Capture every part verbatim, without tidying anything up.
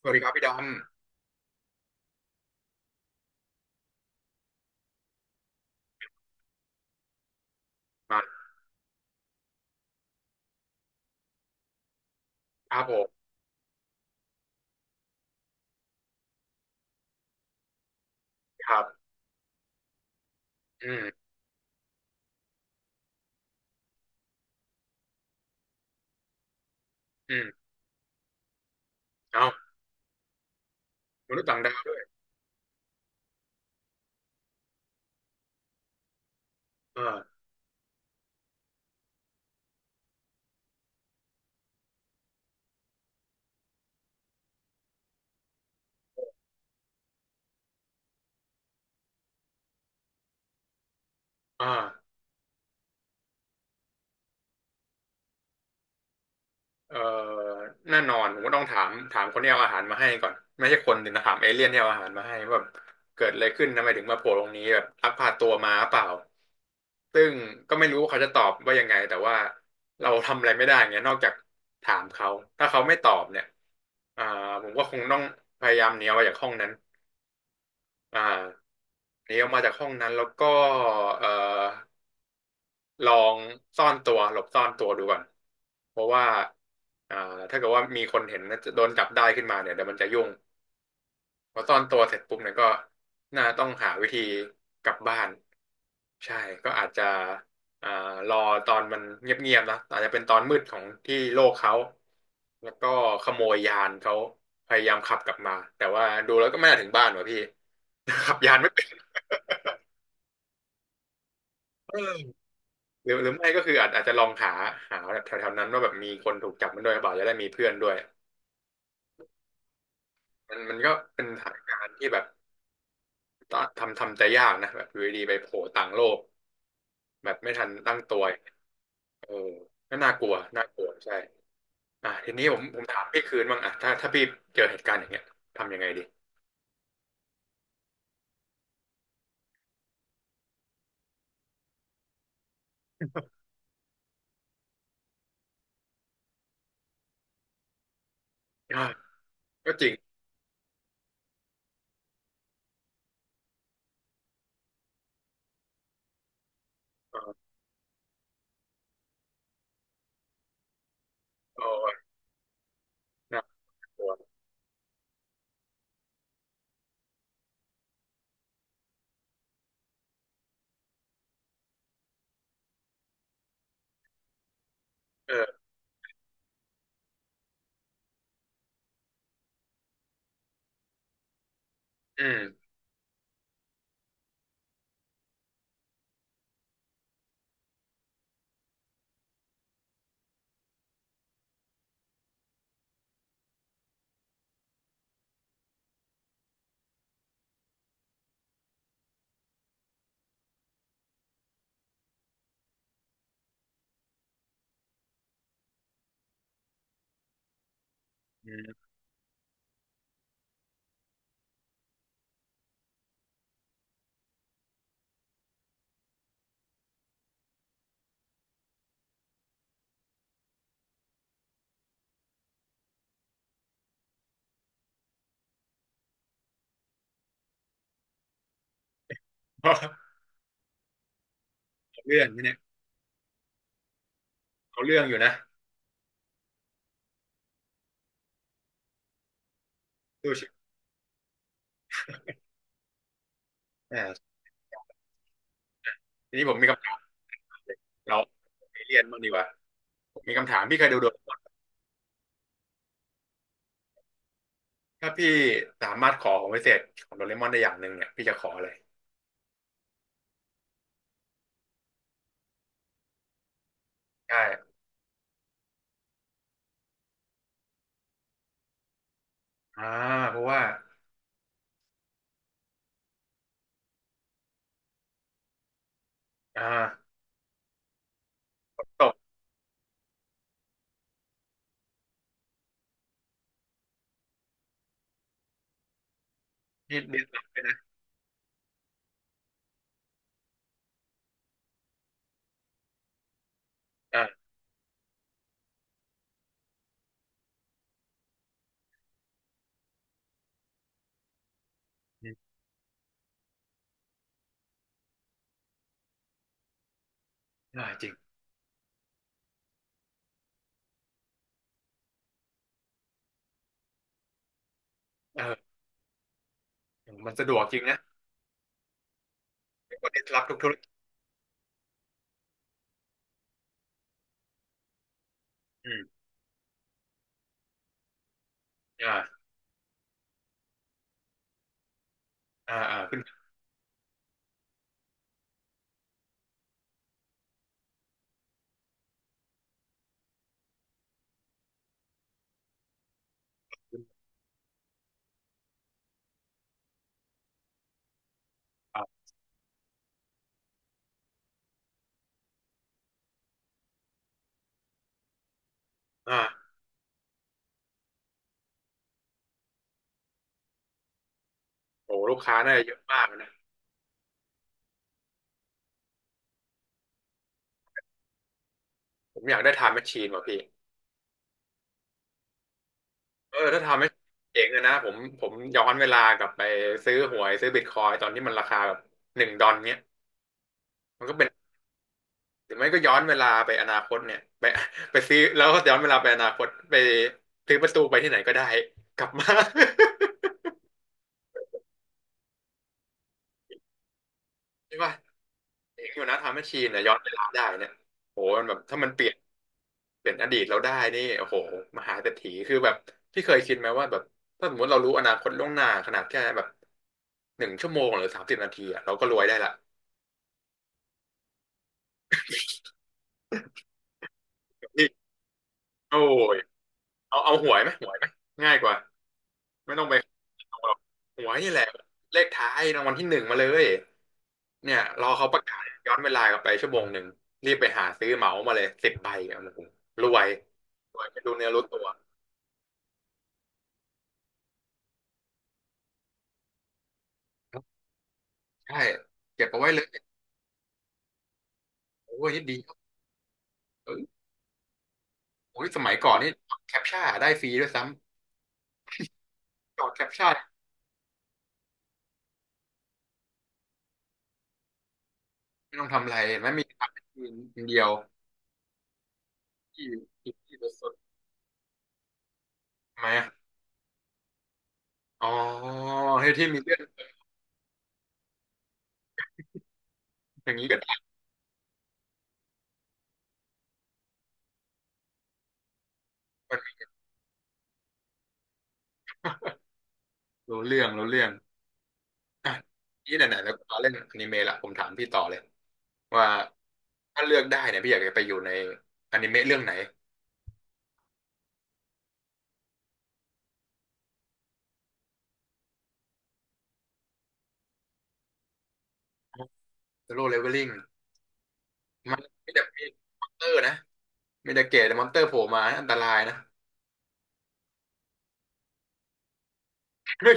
สวัสดีครับพี่ดำมาครับผมครับอืมอืม เอามนุษย์ต่างดาวด้วยเอออ่าเออแน่นอน ผมก็ต้องถาม ถามคนที่เอาอาหารมาให้ก่อน ไม่ใช่คนถึงนะถามเอเลี่ยนที่เอาอาหารมาให้ว่าแบบเกิดอะไรขึ้นทำไมถึงมาโผล่ตรงนี้แบบลักพาตัวมาเปล่าซึ่งก็ไม่รู้ว่าเขาจะตอบว่ายังไง แต่ว่าเราทำอะไรไม่ได้เงี้ยนอกจากถามเขาถ้าเขาไม่ตอบเนี่ยอ่าผมก็คงต้องพยายามหนีออกมาจากห้องนั้นอ่าหนีออกมาจากห้องนั้นแล้วก็เอ่อ ลองซ่อนตัวหลบซ่อนตัวดูก่อน เพราะว่าอ่าถ้าเกิดว่ามีคนเห็นแล้วจะโดนจับได้ขึ้นมาเนี่ยเดี๋ยวมันจะยุ่งพอซ่อนตัวเสร็จปุ๊บเนี่ยก็น่าต้องหาวิธีกลับบ้านใช่ก็อาจจะอ่ารอตอนมันเงียบๆนะอาจจะเป็นตอนมืดของที่โลกเขาแล้วก็ขโมยยานเขาพยายามขับกลับมาแต่ว่าดูแล้วก็ไม่น่าถึงบ้านว่ะพี่ ขับยานไม่เป็นเออ หรือหรือไม่ก็คืออาจอาจจะลองหาหาแบบแถวๆนั้นว่าแบบมีคนถูกจับมันด้วยหรือเปล่าจะได้มีเพื่อนด้วยมันมันก็เป็นสถานการณ์ที่แบบต้องทำทำใจยากนะแบบอยู่ดีๆไปโผล่ต่างโลกแบบไม่ทันตั้งตัวเออก็น่ากลัวน่ากลัวใช่อ่ะทีนี้ผมผมถามพี่คืนบ้างอ่ะถ้าถ้าพี่เจอเหตุการณ์อย่างเงี้ยทำยังไงดีอ่ะก็จริงเออโอ้ยน่ากลัวเอออืมอืม เอาเรื่องนี่เนี่ยเอาเรื่องอยู่นะดูชิอ่าทีนี้ผมมีคำถามเราไปเรียนบ้างดีกว่า มีคำถามพี่เคยดูโดเรมอนถ้าพี่สามารถขอของพิเศษของโดเรมอนได้อย่างหนึ่งเนี่ยพี่จะขออะไรใช่อ่าเพราะว่าอ่าตกที่ดิสลอฟเลยนะอ่าอมอ่าจริงเออมันสะดวกจริงนะไม่ต้องดิสลอฟทุกธุรกิจอืมอ่าอ่าอ่าขึ้นอ่าอ่าโอ้ลูกค้าน่าจะเยอะมากนะผมอยากได้ไทม์แมชชีนว่ะพี่เออถ้าทำให้เจ๋งเลยนะผมผมย้อนเวลากลับไปซื้อหวยซื้อบิตคอยตอนที่มันราคาแบบหนึ่งดอลเนี้ยมันก็เป็น หรือไม่ก็ย้อนเวลาไปอนาคตเนี่ยไปไปซื้อแล้วก็ย้อนเวลาไปอนาคตไปซื้อประตูไปที่ไหนก็ได้กลับมา ใช่ป่ะเองอยู่นะทม์แมชชีนเนี่ยย้อนเวลาได้เนี่ยโหมันแบบถ้ามันเปลี่ยนเปลี่ยนอดีตเราได้นี่โอ้โหมหาเศรษฐีคือแบบพี่เคยคิดไหมว่าแบบถ้าสมมติเรารู้อนาคตล่วงหน้าขนาดแค่แบบหนึ่งชั่วโมงหรือสามสิบนาทีอะเราก็รวยได้ละพี่โอ้ยเอาเอาหวยไหมหวยไหมง่ายกว่า ไม่ต้องไปหรอกหวยนี่แหละเลขท้ายรางวัลที่หนึ่งมาเลยเนี่ยรอเขาประกาศย้อนเวลากลับไปชั่วโมงหนึ่งรีบไปหาซื้อเหมามาเลยสิบใบเอามาผมรวยรวยไม่รู้เนื้อรู้ตัวใช่เก็บเอาไว้เลยโอ้ยนี่ดีครับเออโอ้ยสมัยก่อนนี่แคปชั่นได้ฟรีด้วยซ้ำจอดแคปชั่นไม่ต้องทำอะไรไม่มีทำเป็นทีมเดียวที่ที่ที่สุดๆทำไหมอ่ะอ๋อให้ที่มีเรื่องอย่างนี้ก็ได้รู้เรื่องรู้เรื่อง อ่ะพี่ไหนๆแล้วก็เล่นอนิเมะละผมถามพี่ต่อเลยว่าถ้าเลือกได้เนี่ยพี่อยากจะไปอยู่ในอนิเมะเรื่องไหน Solo Leveling มันไม่ได้มีมอนเตอร์นะมีแต่เกรดมอนเตอร์โผล่มานะอันตรายนะเฮ้ย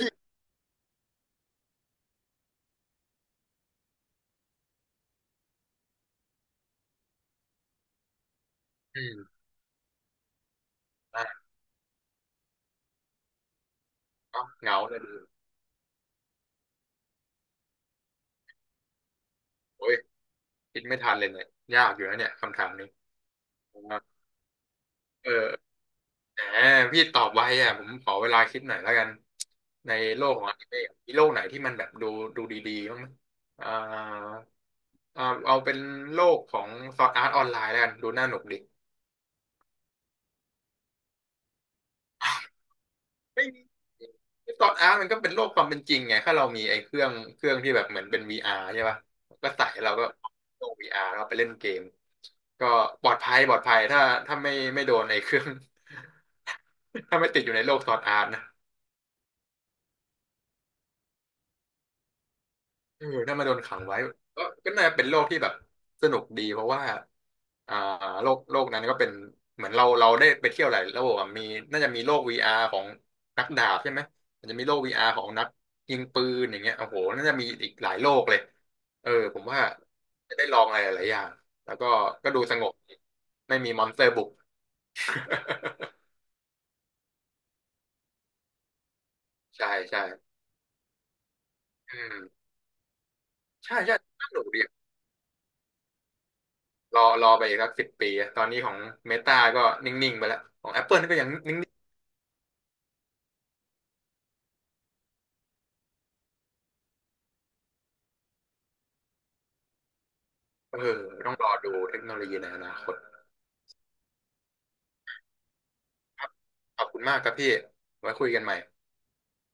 อืมอ่ะก็เหงาเลยดูโอ้ยคิดไม่ทันเลยเนี่ยยากอยู่นะเนี่ยคำถามนี้ผมว่าเออแหมพี่ตอบไวอ่ะผมขอเวลาคิดหน่อยแล้วกันในโลกของอนิเมะมีโลกไหนที่มันแบบดูดูดีๆบ้างไหมอ่า เอาเอาเป็นโลกของซอร์ดอาร์ตออนไลน์แล้วกันดูน่าหนุกดิไม่มีซอร์สอาร์ตมันก็เป็นโลกความเป็นจริงไงถ้าเรามีไอ้เครื่องเครื่องที่แบบเหมือนเป็น วี อาร์ ใช่ป่ะก็ใส่เราก็โลก วี อาร์ แล้วก็ไปเล่นเกมก็ปลอดภัยปลอดภัยถ้าถ้าไม่ไม่โดนไอ้เครื่อง ถ้าไม่ติดอยู่ในโลกซอร์ดอาร์ตนะ เออถ้ามาโดนขังไว้ก็ก็น่าจะเป็นโลกที่แบบสนุกดีเพราะว่าอ่าโลกโลกนั้นก็เป็นเหมือนเราเราได้ไปเที่ยวหลายโลกอะมีน่าจะมีโลก วี อาร์ ของนักดาบใช่ไหมมันจะมีโลก วี อาร์ ของนักยิงปืนอย่างเงี้ยโอ้โหน่าจะมีอีกหลายโลกเลยเออผมว่าจะได้ลองอะไรหลายอย่างแล้วก็ก็ดูสงบดีไม่มีมอนสเตอร์บุก ใช่ใช่อืมใช่ใช่สนุกดี รอรอไปอีกสักสิบปีอะตอนนี้ของเมตาก็นิ่งๆไปแล้วของ Apple นี่ก็ยังนิ่งๆเออต้องรอดูเทคโนโลยีในอนาคตครับขอบคุณมากครับพี่ไว้คุยกันใหม่